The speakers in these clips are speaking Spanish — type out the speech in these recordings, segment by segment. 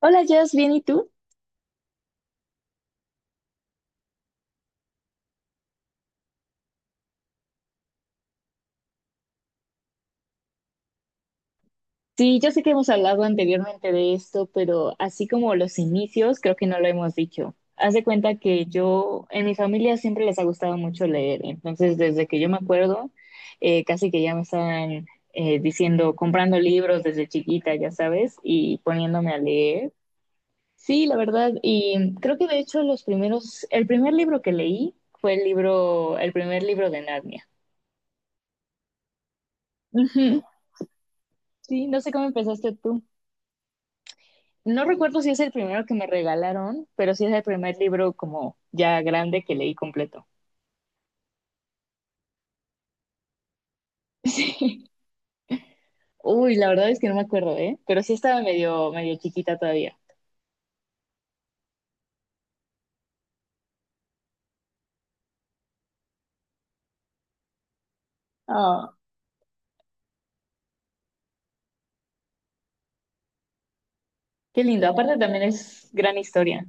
Hola, Jess, ¿bien y tú? Sí, yo sé que hemos hablado anteriormente de esto, pero así como los inicios, creo que no lo hemos dicho. Haz de cuenta que yo, en mi familia siempre les ha gustado mucho leer, entonces desde que yo me acuerdo, casi que ya me estaban diciendo, comprando libros desde chiquita, ya sabes, y poniéndome a leer. Sí, la verdad, y creo que de hecho los primeros, el primer libro que leí fue el libro, el primer libro de Narnia. Ujú. Sí, no sé cómo empezaste tú. No recuerdo si es el primero que me regalaron, pero sí es el primer libro como ya grande que leí completo. Sí. Uy, la verdad es que no me acuerdo, ¿eh? Pero sí estaba medio, medio chiquita todavía. Ah, qué lindo. Aparte también es gran historia.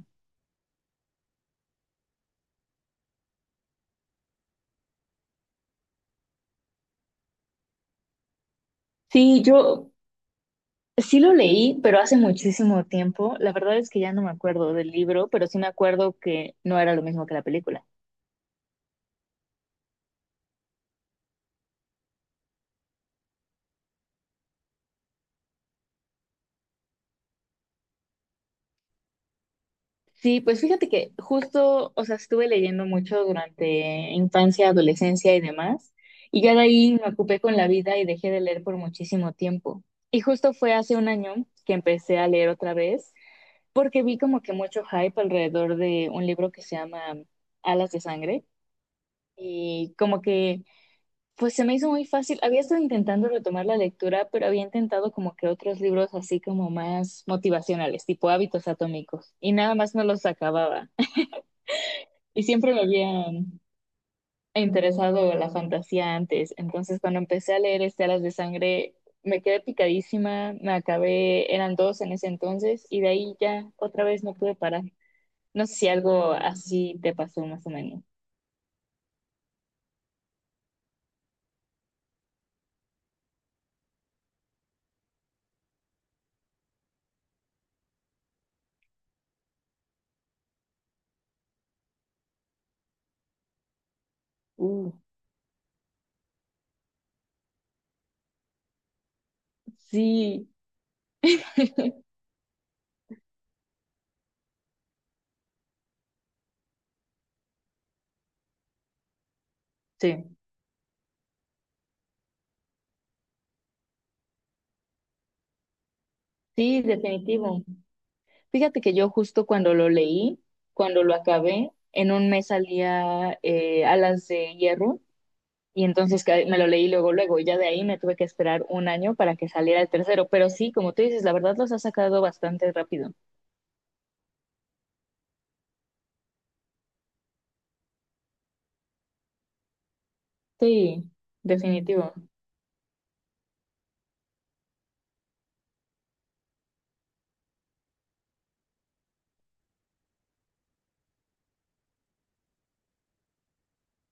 Sí, yo sí lo leí, pero hace muchísimo tiempo. La verdad es que ya no me acuerdo del libro, pero sí me acuerdo que no era lo mismo que la película. Sí, pues fíjate que justo, o sea, estuve leyendo mucho durante infancia, adolescencia y demás, y ya de ahí me ocupé con la vida y dejé de leer por muchísimo tiempo. Y justo fue hace un año que empecé a leer otra vez, porque vi como que mucho hype alrededor de un libro que se llama Alas de Sangre, y como que, pues se me hizo muy fácil. Había estado intentando retomar la lectura, pero había intentado como que otros libros así como más motivacionales, tipo Hábitos Atómicos, y nada más no los acababa. Y siempre me había interesado la fantasía antes. Entonces, cuando empecé a leer este Alas de Sangre, me quedé picadísima. Me acabé, eran dos en ese entonces, y de ahí ya otra vez no pude parar. No sé si algo así te pasó más o menos. Uh, sí, sí, sí, definitivo. Fíjate que yo justo cuando lo leí, cuando lo acabé, en un mes salía Alas de Hierro. Y entonces que me lo leí luego, luego, y ya de ahí me tuve que esperar un año para que saliera el tercero. Pero sí, como tú dices, la verdad los ha sacado bastante rápido. Sí, definitivo.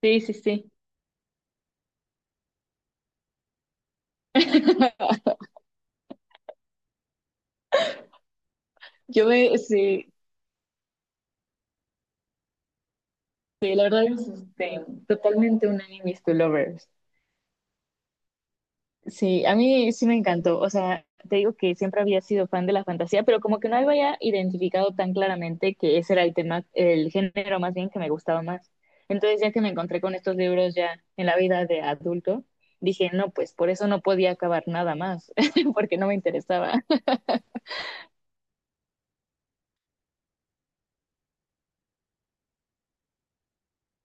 Sí, sí, sí. Sí, sí, la verdad es este, totalmente un unánime to lovers. Sí, a mí sí me encantó. O sea, te digo que siempre había sido fan de la fantasía, pero como que no había identificado tan claramente que ese era el tema, el género más bien que me gustaba más. Entonces, ya que me encontré con estos libros ya en la vida de adulto, dije, no, pues por eso no podía acabar nada más, porque no me interesaba.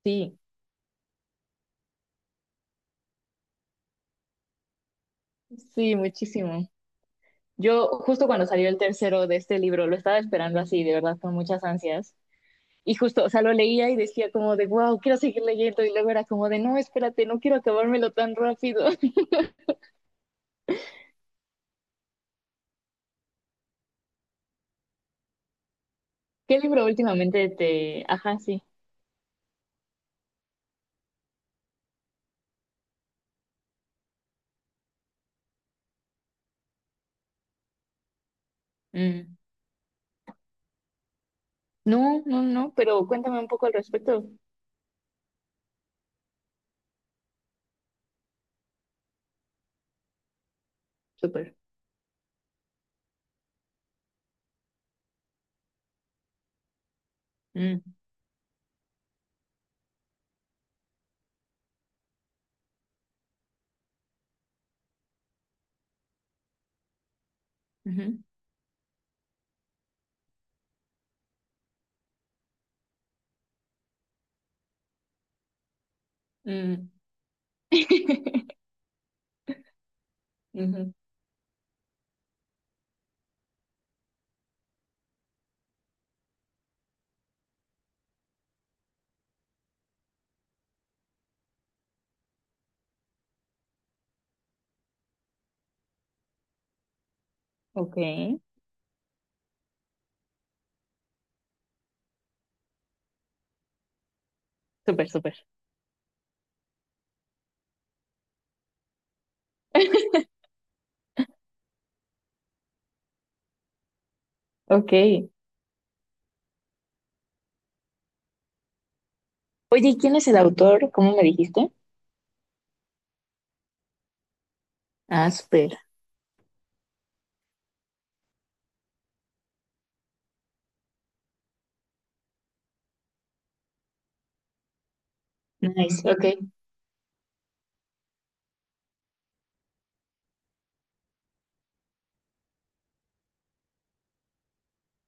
Sí, sí, muchísimo. Yo justo cuando salió el tercero de este libro, lo estaba esperando así, de verdad, con muchas ansias. Y justo, o sea, lo leía y decía como de, wow, quiero seguir leyendo. Y luego era como de, no, espérate, no quiero acabármelo tan rápido. ¿Qué libro últimamente te... Ajá, sí. Mm, no, no, no, pero cuéntame un poco al respecto. Súper. Mm. Ujú. Mm. Ujú. Ok, súper, súper. Ok. Oye, ¿y quién es el autor? ¿Cómo me dijiste? Ah, Asper. Nice, ok.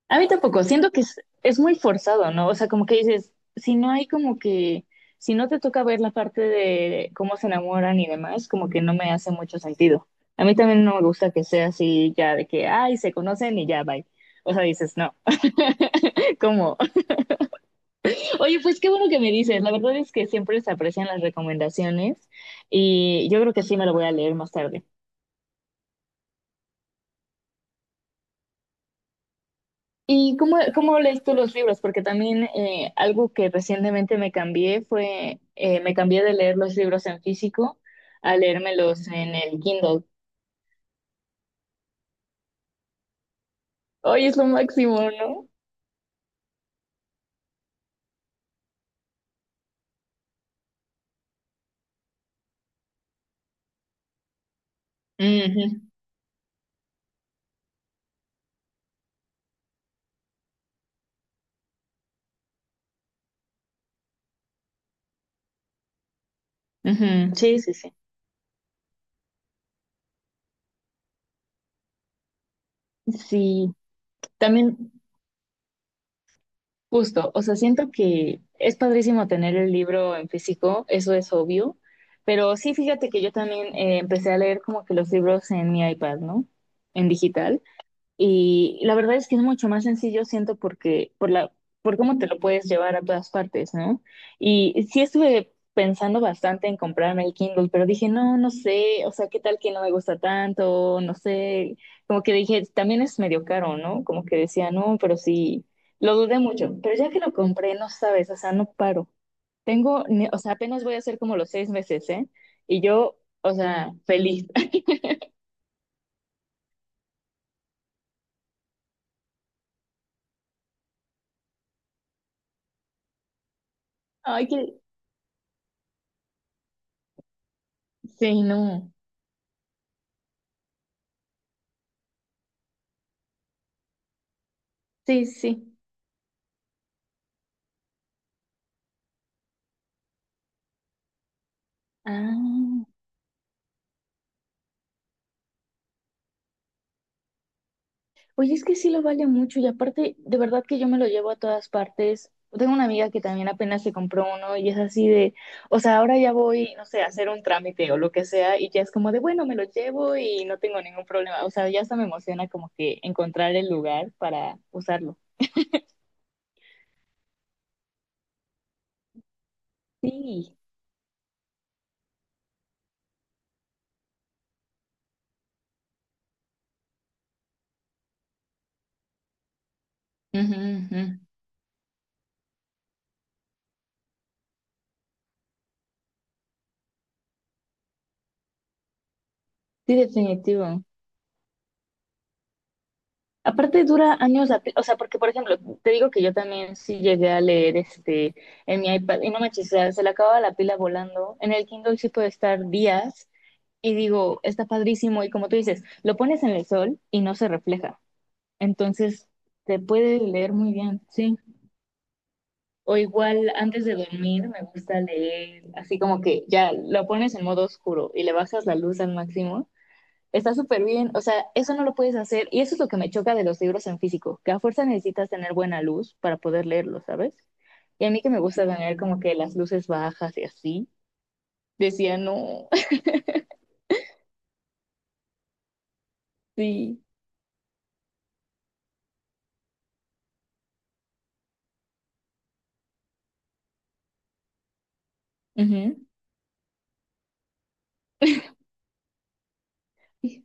A mí tampoco, siento que es muy forzado, ¿no? O sea, como que dices, si no hay como que, si no te toca ver la parte de cómo se enamoran y demás, como que no me hace mucho sentido. A mí también no me gusta que sea así ya de que, ay, se conocen y ya, bye. O sea, dices, no, ¿cómo? Oye, pues qué bueno que me dices. La verdad es que siempre se aprecian las recomendaciones y yo creo que sí me lo voy a leer más tarde. ¿Y cómo lees tú los libros? Porque también algo que recientemente me cambié fue, me cambié de leer los libros en físico a leérmelos en el Kindle. Hoy es lo máximo, ¿no? Ujú, ujú. Sí, sí, sí. Sí, también justo, o sea, siento que es padrísimo tener el libro en físico, eso es obvio, pero sí, fíjate que yo también empecé a leer como que los libros en mi iPad, ¿no? En digital. Y la verdad es que es mucho más sencillo, siento, porque por cómo te lo puedes llevar a todas partes, ¿no? Y sí estuve pensando bastante en comprarme el Kindle, pero dije, no, no sé, o sea, ¿qué tal que no me gusta tanto? No sé, como que dije, también es medio caro, ¿no? Como que decía, no, pero sí, lo dudé mucho, pero ya que lo compré, no sabes, o sea, no paro. Tengo, o sea, apenas voy a hacer como los 6 meses, ¿eh? Y yo, o sea, feliz. Ay, que. Sí, no. Sí, sí. Ah, oye, es que sí lo vale mucho y aparte, de verdad que yo me lo llevo a todas partes. Tengo una amiga que también apenas se compró uno y es así de, o sea, ahora ya voy, no sé, a hacer un trámite o lo que sea y ya es como de, bueno, me lo llevo y no tengo ningún problema. O sea, ya hasta me emociona como que encontrar el lugar para usarlo. Sí. Ujú, ujú. Sí, definitivo. Aparte dura años, o sea, porque por ejemplo, te digo que yo también sí llegué a leer este en mi iPad y no me chisea, se le acaba la pila volando. En el Kindle sí puede estar días y digo, está padrísimo y como tú dices, lo pones en el sol y no se refleja. Entonces, te puede leer muy bien, sí. O igual antes de dormir me gusta leer, así como que ya lo pones en modo oscuro y le bajas la luz al máximo, está súper bien, o sea, eso no lo puedes hacer y eso es lo que me choca de los libros en físico, que a fuerza necesitas tener buena luz para poder leerlo, ¿sabes? Y a mí que me gusta tener como que las luces bajas y así, decía, no, sí. Ujú. Fí-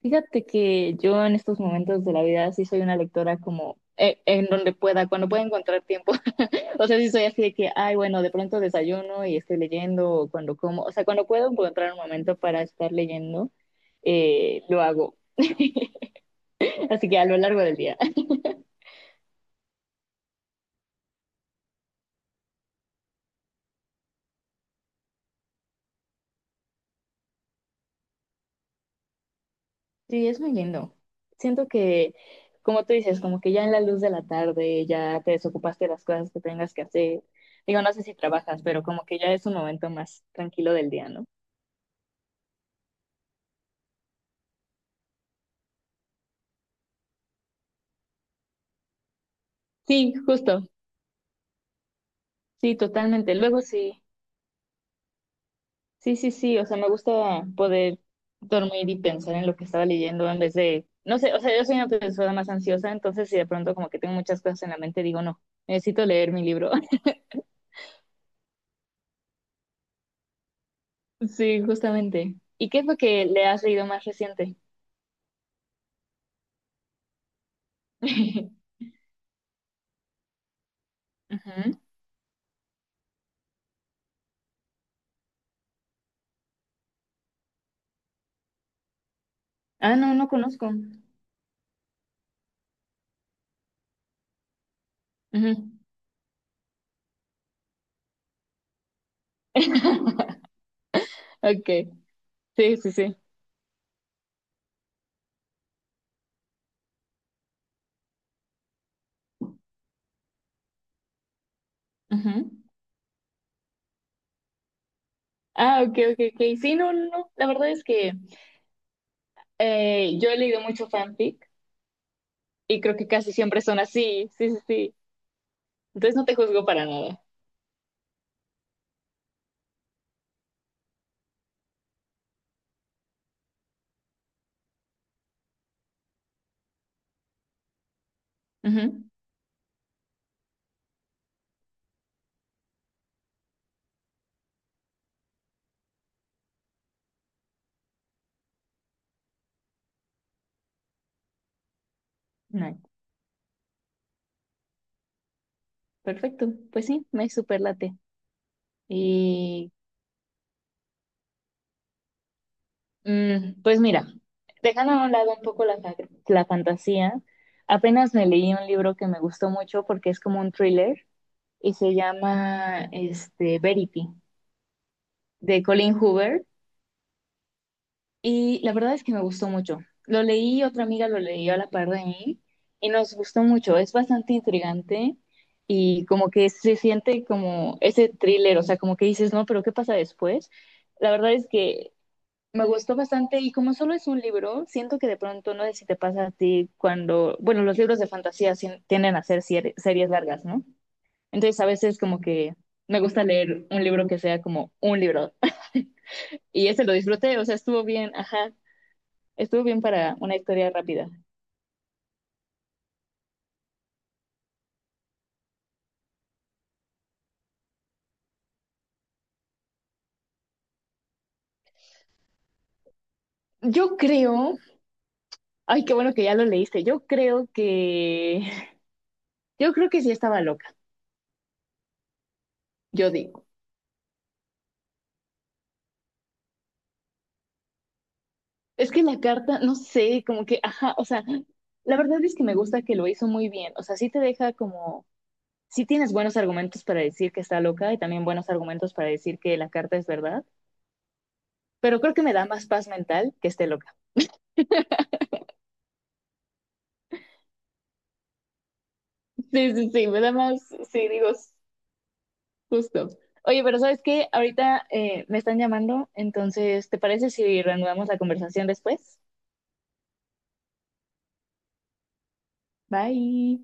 Fíjate que yo en estos momentos de la vida sí soy una lectora como en donde pueda, cuando pueda encontrar tiempo. O sea, sí soy así de que, ay, bueno, de pronto desayuno y estoy leyendo o cuando como, o sea, cuando puedo encontrar un momento para estar leyendo, lo hago. Así que a lo largo del día. Sí, es muy lindo. Siento que, como tú dices, como que ya en la luz de la tarde ya te desocupaste de las cosas que tengas que hacer. Digo, no sé si trabajas, pero como que ya es un momento más tranquilo del día, ¿no? Sí, justo. Sí, totalmente. Luego sí, sí, sí, sí. O sea, me gusta poder dormir y pensar en lo que estaba leyendo en vez de, no sé, o sea, yo soy una persona más ansiosa, entonces si de pronto como que tengo muchas cosas en la mente, digo, no, necesito leer mi libro. Sí, justamente. ¿Y qué es lo que le has leído más reciente? Ujú. Ah, no, no conozco. Ujú. Okay, sí, sí, sí. Ujú. Ah, ok, ok, ok. Sí, no, no, no. La verdad es que yo he leído mucho fanfic y creo que casi siempre son así. Sí, sí, sí. Entonces no te juzgo para nada. Ujú. Nice. Perfecto. Pues sí, me superlate. Y. Mm, pues mira, dejando a un lado un poco la fantasía, apenas me leí un libro que me gustó mucho porque es como un thriller y se llama este, Verity, de Colin Hoover. Y la verdad es que me gustó mucho. Lo leí, otra amiga lo leyó a la par de mí y nos gustó mucho. Es bastante intrigante y como que se siente como ese thriller, o sea, como que dices, no, pero ¿qué pasa después? La verdad es que me gustó bastante y como solo es un libro, siento que de pronto no sé si te pasa a ti cuando, bueno, los libros de fantasía tienden a ser series largas, ¿no? Entonces a veces como que me gusta leer un libro que sea como un libro y ese lo disfruté, o sea, estuvo bien, ajá, estuvo bien para una historia rápida. Yo creo, ay, qué bueno que ya lo leíste, yo creo que, yo creo que sí estaba loca, yo digo. Es que la carta, no sé, como que, ajá, o sea, la verdad es que me gusta que lo hizo muy bien, o sea, sí te deja como sí tienes buenos argumentos para decir que está loca y también buenos argumentos para decir que la carta es verdad, pero creo que me da más paz mental que esté loca. Sí, sí, sí, me da más, sí, digo, justo. Oye, pero ¿sabes qué? Ahorita me están llamando, entonces, ¿te parece si reanudamos la conversación después? Bye.